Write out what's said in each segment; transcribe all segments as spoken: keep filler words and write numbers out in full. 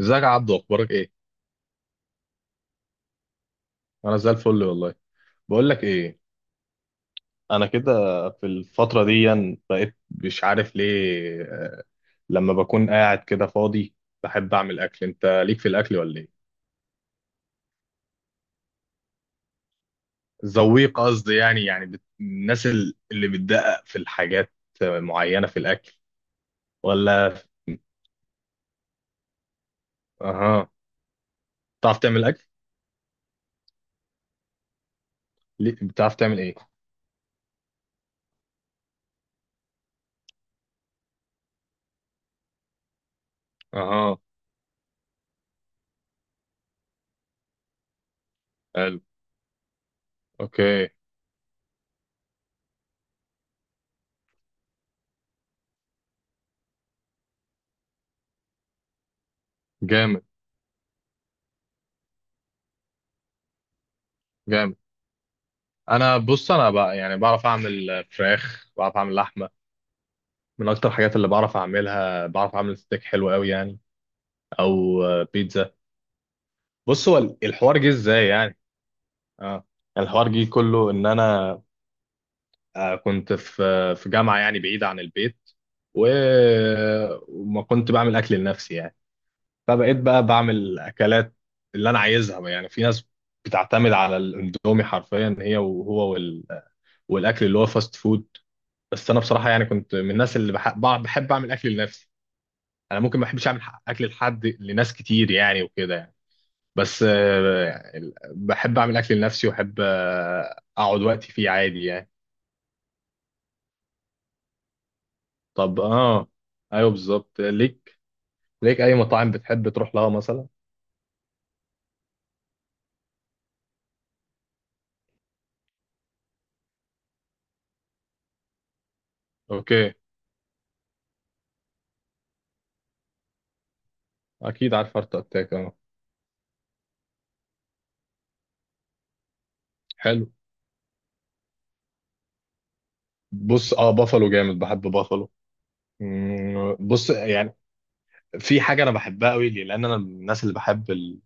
ازيك يا عبدو، اخبارك ايه؟ انا زي الفل والله. بقول لك ايه؟ انا كده، في الفتره دي يعني بقيت مش عارف ليه، لما بكون قاعد كده فاضي بحب اعمل اكل. انت ليك في الاكل ولا ايه؟ ذويق قصدي يعني يعني بت... الناس ال- اللي بتدقق في الحاجات معينه في الاكل. ولا. اها. بتعرف تعمل اكل؟ ليه- بتعرف تعمل ايه؟ اها. حلو. اوكي. جامد. جامد. انا، بص، انا بقى يعني بعرف اعمل فراخ، بعرف اعمل لحمه. من اكتر الحاجات اللي بعرف اعملها، بعرف اعمل ستيك حلو قوي يعني. او آه، بيتزا. بص، هو ال- الحوار جه ازاي يعني؟ اه. الحوار جه كله ان انا آه، كنت في آه، في جامعه يعني بعيده عن البيت و... وما كنت بعمل اكل لنفسي يعني. فبقيت بقى بعمل اكلات اللي انا عايزها بقى يعني. في ناس بتعتمد على الاندومي حرفيا، هي وهو وال... والاكل اللي هو فاست فود. بس انا بصراحه يعني كنت من الناس اللي بح... بع- بحب اعمل اكل لنفسي. انا ممكن ما بحبش اعمل ح- اكل لحد، لناس كتير يعني وكده يعني. بس آه، يعني بحب اعمل اكل لنفسي واحب آه، اقعد وقتي فيه عادي يعني. طب اه. ايوه بالظبط. ليك ليك اي مطاعم بتحب تروح لها مثلا؟ اوكي. اكيد عارف هارت اتاك، اه. حلو. بص، اه، بافالو جامد، بحب بافالو. مم، بص يعني، في حاجه انا بحبها قوي ليه، لان انا من الناس اللي بحب ال-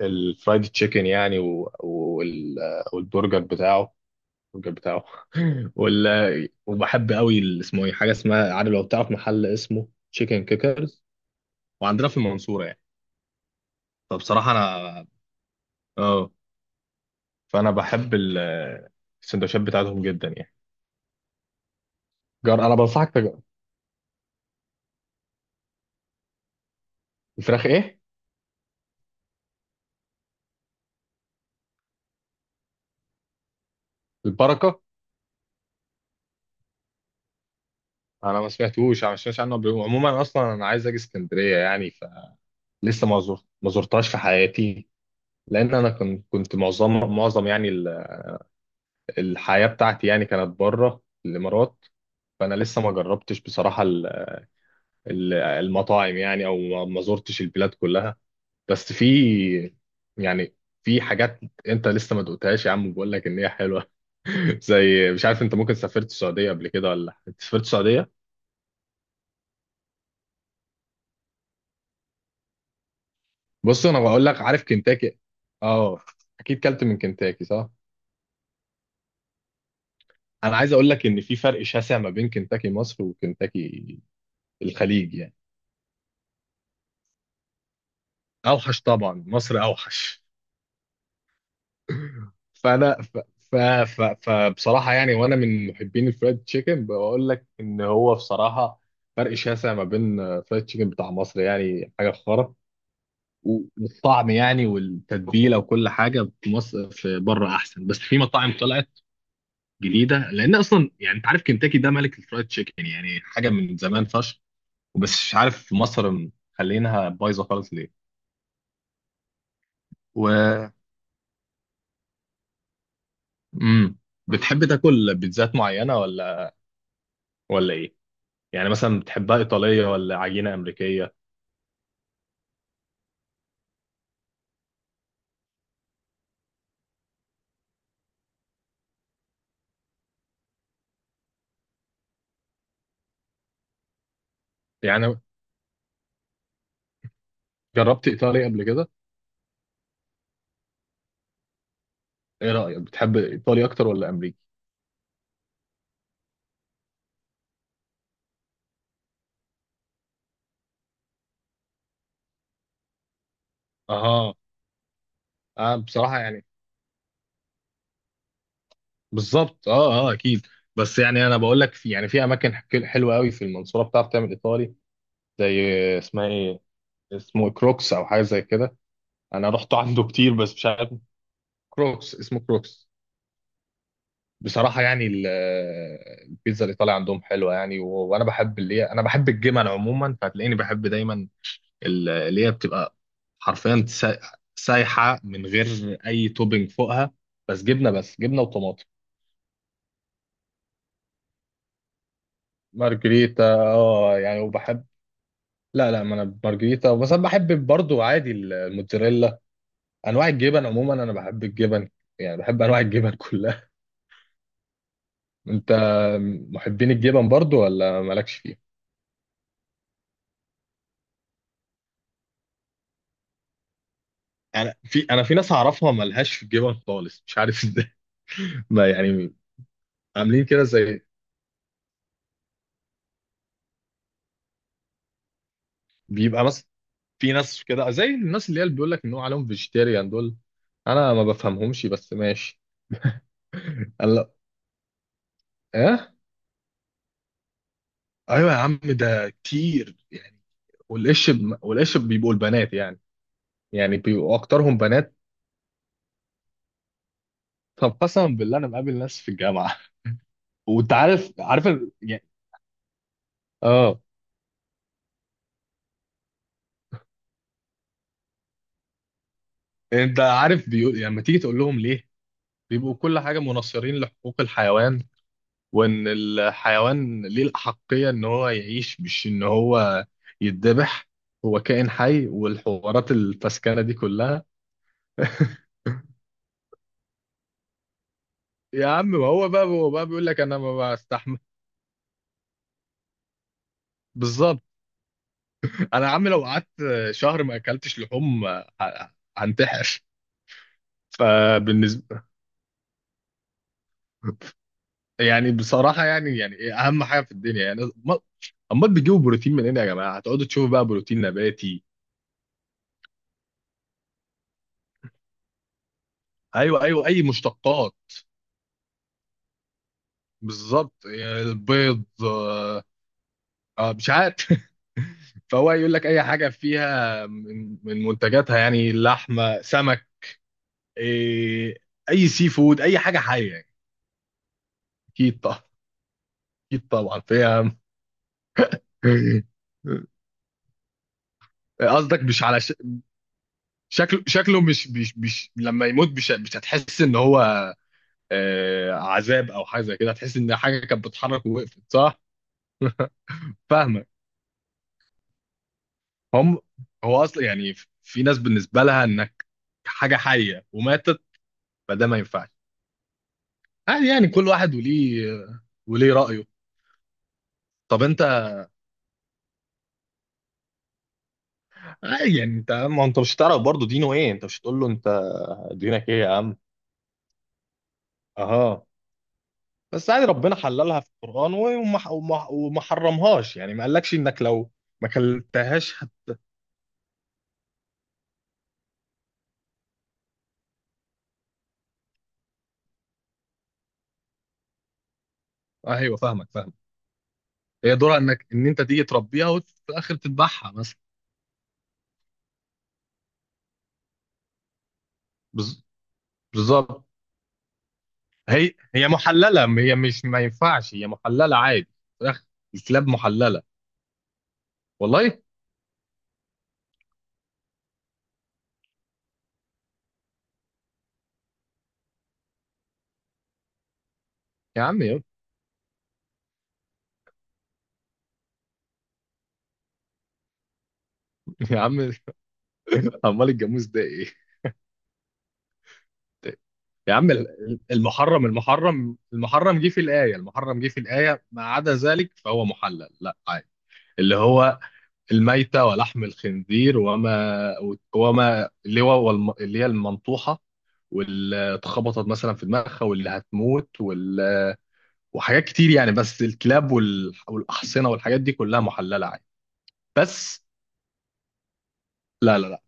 الفرايد تشيكن يعني، و- وال- والبرجر بتاعه، الراجل بتاعه. ولا. وبحب قوي ال- اسمه ايه، حاجه اسمها، عارف، لو تعرف محل اسمه تشيكن كيكرز وعندنا في المنصوره يعني. فبصراحه انا، اه، فانا بحب ال- السندوتشات بتاعتهم جدا يعني. جار، انا بنصحك تجرب. الفراخ ايه؟ البركه. انا ما سمعتوش انا ما سمعتش عنه قبل كده. عموما اصلا انا عايز اجي اسكندريه يعني، فلسه ما زرت ما زرتهاش في حياتي. لان انا كنت كنت معظم معظم يعني ال- الحياه بتاعتي يعني كانت بره الامارات. فانا لسه ما جربتش بصراحه ال- المطاعم يعني، او ما ما زرتش البلاد كلها. بس في، يعني في حاجات انت لسه ما دقتهاش، يا عم بقول لك ان هي حلوه. زي، مش عارف، انت ممكن سافرت السعوديه قبل كده ولا لأ؟ انت سافرت السعوديه؟ بص، انا بقول لك، عارف كنتاكي؟ اه. اكيد كلت من كنتاكي، صح؟ انا عايز اقول لك ان في فرق شاسع ما بين كنتاكي مصر وكنتاكي الخليج يعني. اوحش طبعا، مصر اوحش. فانا ف... ف... ف... فبصراحه يعني، وانا من محبين الفرايد تشيكن، بقول لك ان هو بصراحه فرق شاسع ما بين فرايد تشيكن بتاع مصر، يعني حاجه خرا. والطعم يعني والتتبيله وكل حاجه في مصر، في بره احسن، بس في مطاعم طلعت جديده، لان اصلا يعني انت عارف كنتاكي ده ملك الفرايد تشيكن يعني، حاجه من زمان فشخ. بس مش عارف في مصر مخلينها بايظه خالص ليه. و امم بتحب تاكل بيتزات معينه، ولا ولا ايه؟ يعني مثلا بتحبها إيطالية ولا عجينة أمريكية يعني؟ جربت إيطالي قبل كده؟ إيه رأيك، بتحب إيطالي أكتر ولا أمريكي؟ أها. أه بصراحة يعني. بالظبط، أه أه أكيد. بس يعني أنا بقول لك، في يعني في أماكن حك- حلوة قوي في المنصورة بتعرف تعمل إيطالي، زي، اسمها إيه اسمه إيه؟ كروكس أو حاجة زي كده. أنا رحت عنده كتير بس مش عارف. كروكس، اسمه كروكس. بصراحة يعني ال- البيتزا الإيطالية عندهم حلوة يعني، و- وأنا بحب اللي هي أنا بحب الجبن عموما فهتلاقيني بحب دايما ال- اللي هي بتبقى حرفيا سا- سايحه من غير اي توبينج فوقها، بس جبنه، بس جبنه وطماطم. مارجريتا اه يعني، وبحب. لا، لا، ما انا مارجريتا بس انا بحب برضو عادي الموتزاريلا. انواع الجبن عموما انا بحب الجبن يعني، بحب انواع الجبن كلها. انت محبين الجبن برضو ولا مالكش فيه؟ انا في انا في ناس اعرفها ملهاش في الجبن خالص، مش عارف ازاي. ما يعني، عاملين كده زي، بيبقى مثلا في ناس كده زي الناس اللي هي اللي بيقول لك ان هو عليهم فيجيتيريان دول. انا ما بفهمهمش بس ماشي. قال لا. ايه؟ ايوه يا عم، ده كتير يعني. والقش ب- والقش بيبقوا البنات يعني، يعني بيبقوا اكترهم بنات. طب قسما بالله، انا مقابل ناس في الجامعه. وانت عارف عارف ال- يعني، اه، انت عارف بيقول يعني لما تيجي تقول لهم ليه، بيبقوا كل حاجه مناصرين لحقوق الحيوان وان الحيوان ليه الاحقيه ان هو يعيش مش ان هو يتذبح. هو كائن حي والحوارات الفسكانه دي كلها. يا عم، ما هو بقى هو بقى بيقول لك انا ما بستحمل. بالظبط. انا يا عم لو قعدت شهر ما اكلتش لحوم ه- هنتحر. فبالنسبه، يعني بصراحه يعني يعني إيه اهم حاجه في الدنيا يعني، أما- امال بتجيبوا بروتين منين يا جماعه؟ هتقعدوا تشوفوا بقى بروتين نباتي. ايوه، ايوه، اي مشتقات. بالظبط يعني البيض، آه، اه مش عارف. فهو يقول لك اي حاجه فيها من من منتجاتها، يعني لحمه، سمك. إيه؟ اي سي فود، اي حاجه حيه يعني. اكيد طبعا. اكيد طبعا فيها. قصدك مش على ش... شكله شكله، مش مش مش لما يموت مش مش هتحس ان هو آه، عذاب او حاجه زي كده، هتحس ان حاجه كانت بتتحرك ووقفت، صح؟ فاهمك. هم. هو اصلا يعني في ناس بالنسبه لها انك حاجه حيه وماتت فده ما ينفعش، عادي يعني كل واحد وليه وليه رأيه. طب انت، عادي يعني انت، ما انت مش هتعرف برضه دينه ايه، انت مش هتقول له انت دينك ايه يا عم؟ اها. بس عادي ربنا حللها في القرآن وما وما وما حرمهاش يعني، ما قالكش انك لو ما كلتهاش هت... آه ايوه، فاهمك فاهمك. هي دورها انك ان انت تيجي تربيها وفي الاخر تذبحها مثلا. بز- بالظبط. هي هي محلله، م- هي مش ما ينفعش، هي محلله عادي في الاخر. الكلاب محلله. والله؟ يا عم يا يا عم عمال، الجاموس ده ايه؟ يا عم ال- المحرم المحرم المحرم جه في الآية، المحرم جه في الآية ما عدا ذلك فهو محلل، لا عادي. اللي هو الميتة ولحم الخنزير وما وما اللي هو والم- اللي هي المنطوحة واللي اتخبطت مثلا في دماغها واللي هتموت وال وحاجات كتير يعني، بس الكلاب وال- والأحصنة والحاجات دي كلها محللة عادي. بس، لا، لا، لا،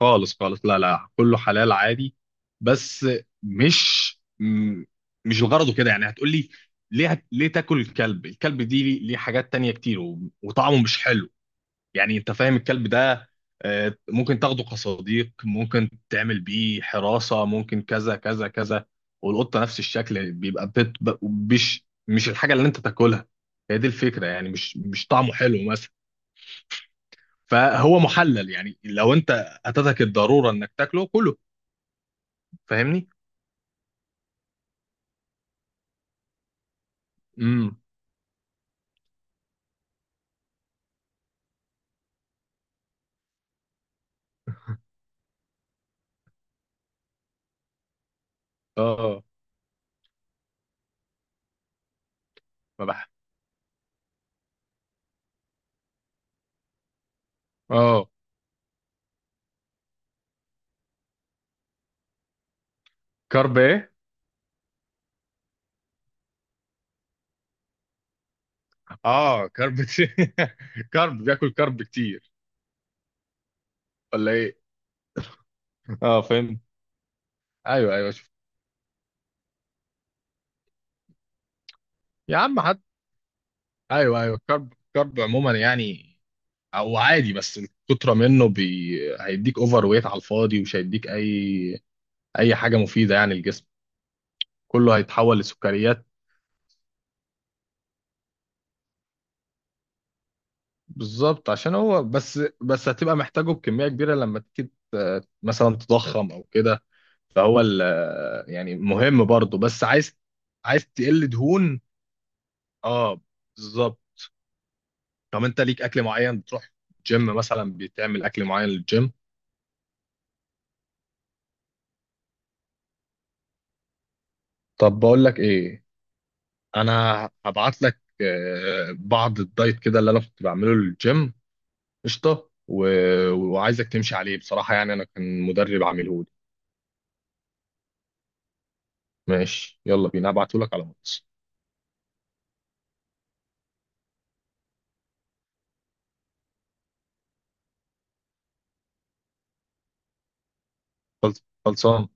خالص، خالص، لا، لا، كله حلال عادي. بس مش م- مش الغرض كده يعني، هتقول لي ليه ليه تاكل الكلب، الكلب دي ليه ليه حاجات تانية كتير و- وطعمه مش حلو، يعني انت فاهم الكلب ده آه، ممكن تاخده كصديق، ممكن تعمل بيه حراسة، ممكن كذا كذا كذا، والقطة نفس الشكل، بيبقى بت ب- مش مش الحاجة اللي انت تاكلها، هي دي الفكرة يعني، مش مش طعمه حلو مثلا، فهو محلل يعني لو انت اتتك الضرورة انك تاكله كله. فاهمني. امم اه. ما بح اه. كرب ايه؟ اه كرب كتير. كرب بياكل كرب كتير. ولا ايه؟ اه فهمت. ايوه، ايوه، شوف، يا عم حد، ايوه، ايوه، كرب كرب عموما يعني، او عادي بس الكتره منه بي... هيديك اوفر ويت على الفاضي، ومش هيديك اي اي حاجه مفيده يعني الجسم، كله هيتحول لسكريات. بالظبط عشان هو بس بس هتبقى محتاجه بكمية كبيرة لما تيجي ت- مثلا تضخم او كده، فهو ال- يعني مهم برضه، بس عايز عايز تقل دهون. اه بالظبط. طب انت ليك اكل معين بتروح جيم مثلا، بتعمل اكل معين للجيم؟ طب بقول لك ايه؟ انا هبعت لك آه، بعض الدايت كده اللي انا كنت بعمله للجيم، قشطه، و... وعايزك تمشي عليه بصراحه يعني، انا كان مدرب عامله لي. ماشي يلا بينا، هبعته لك على الواتس. خلص- خلصان.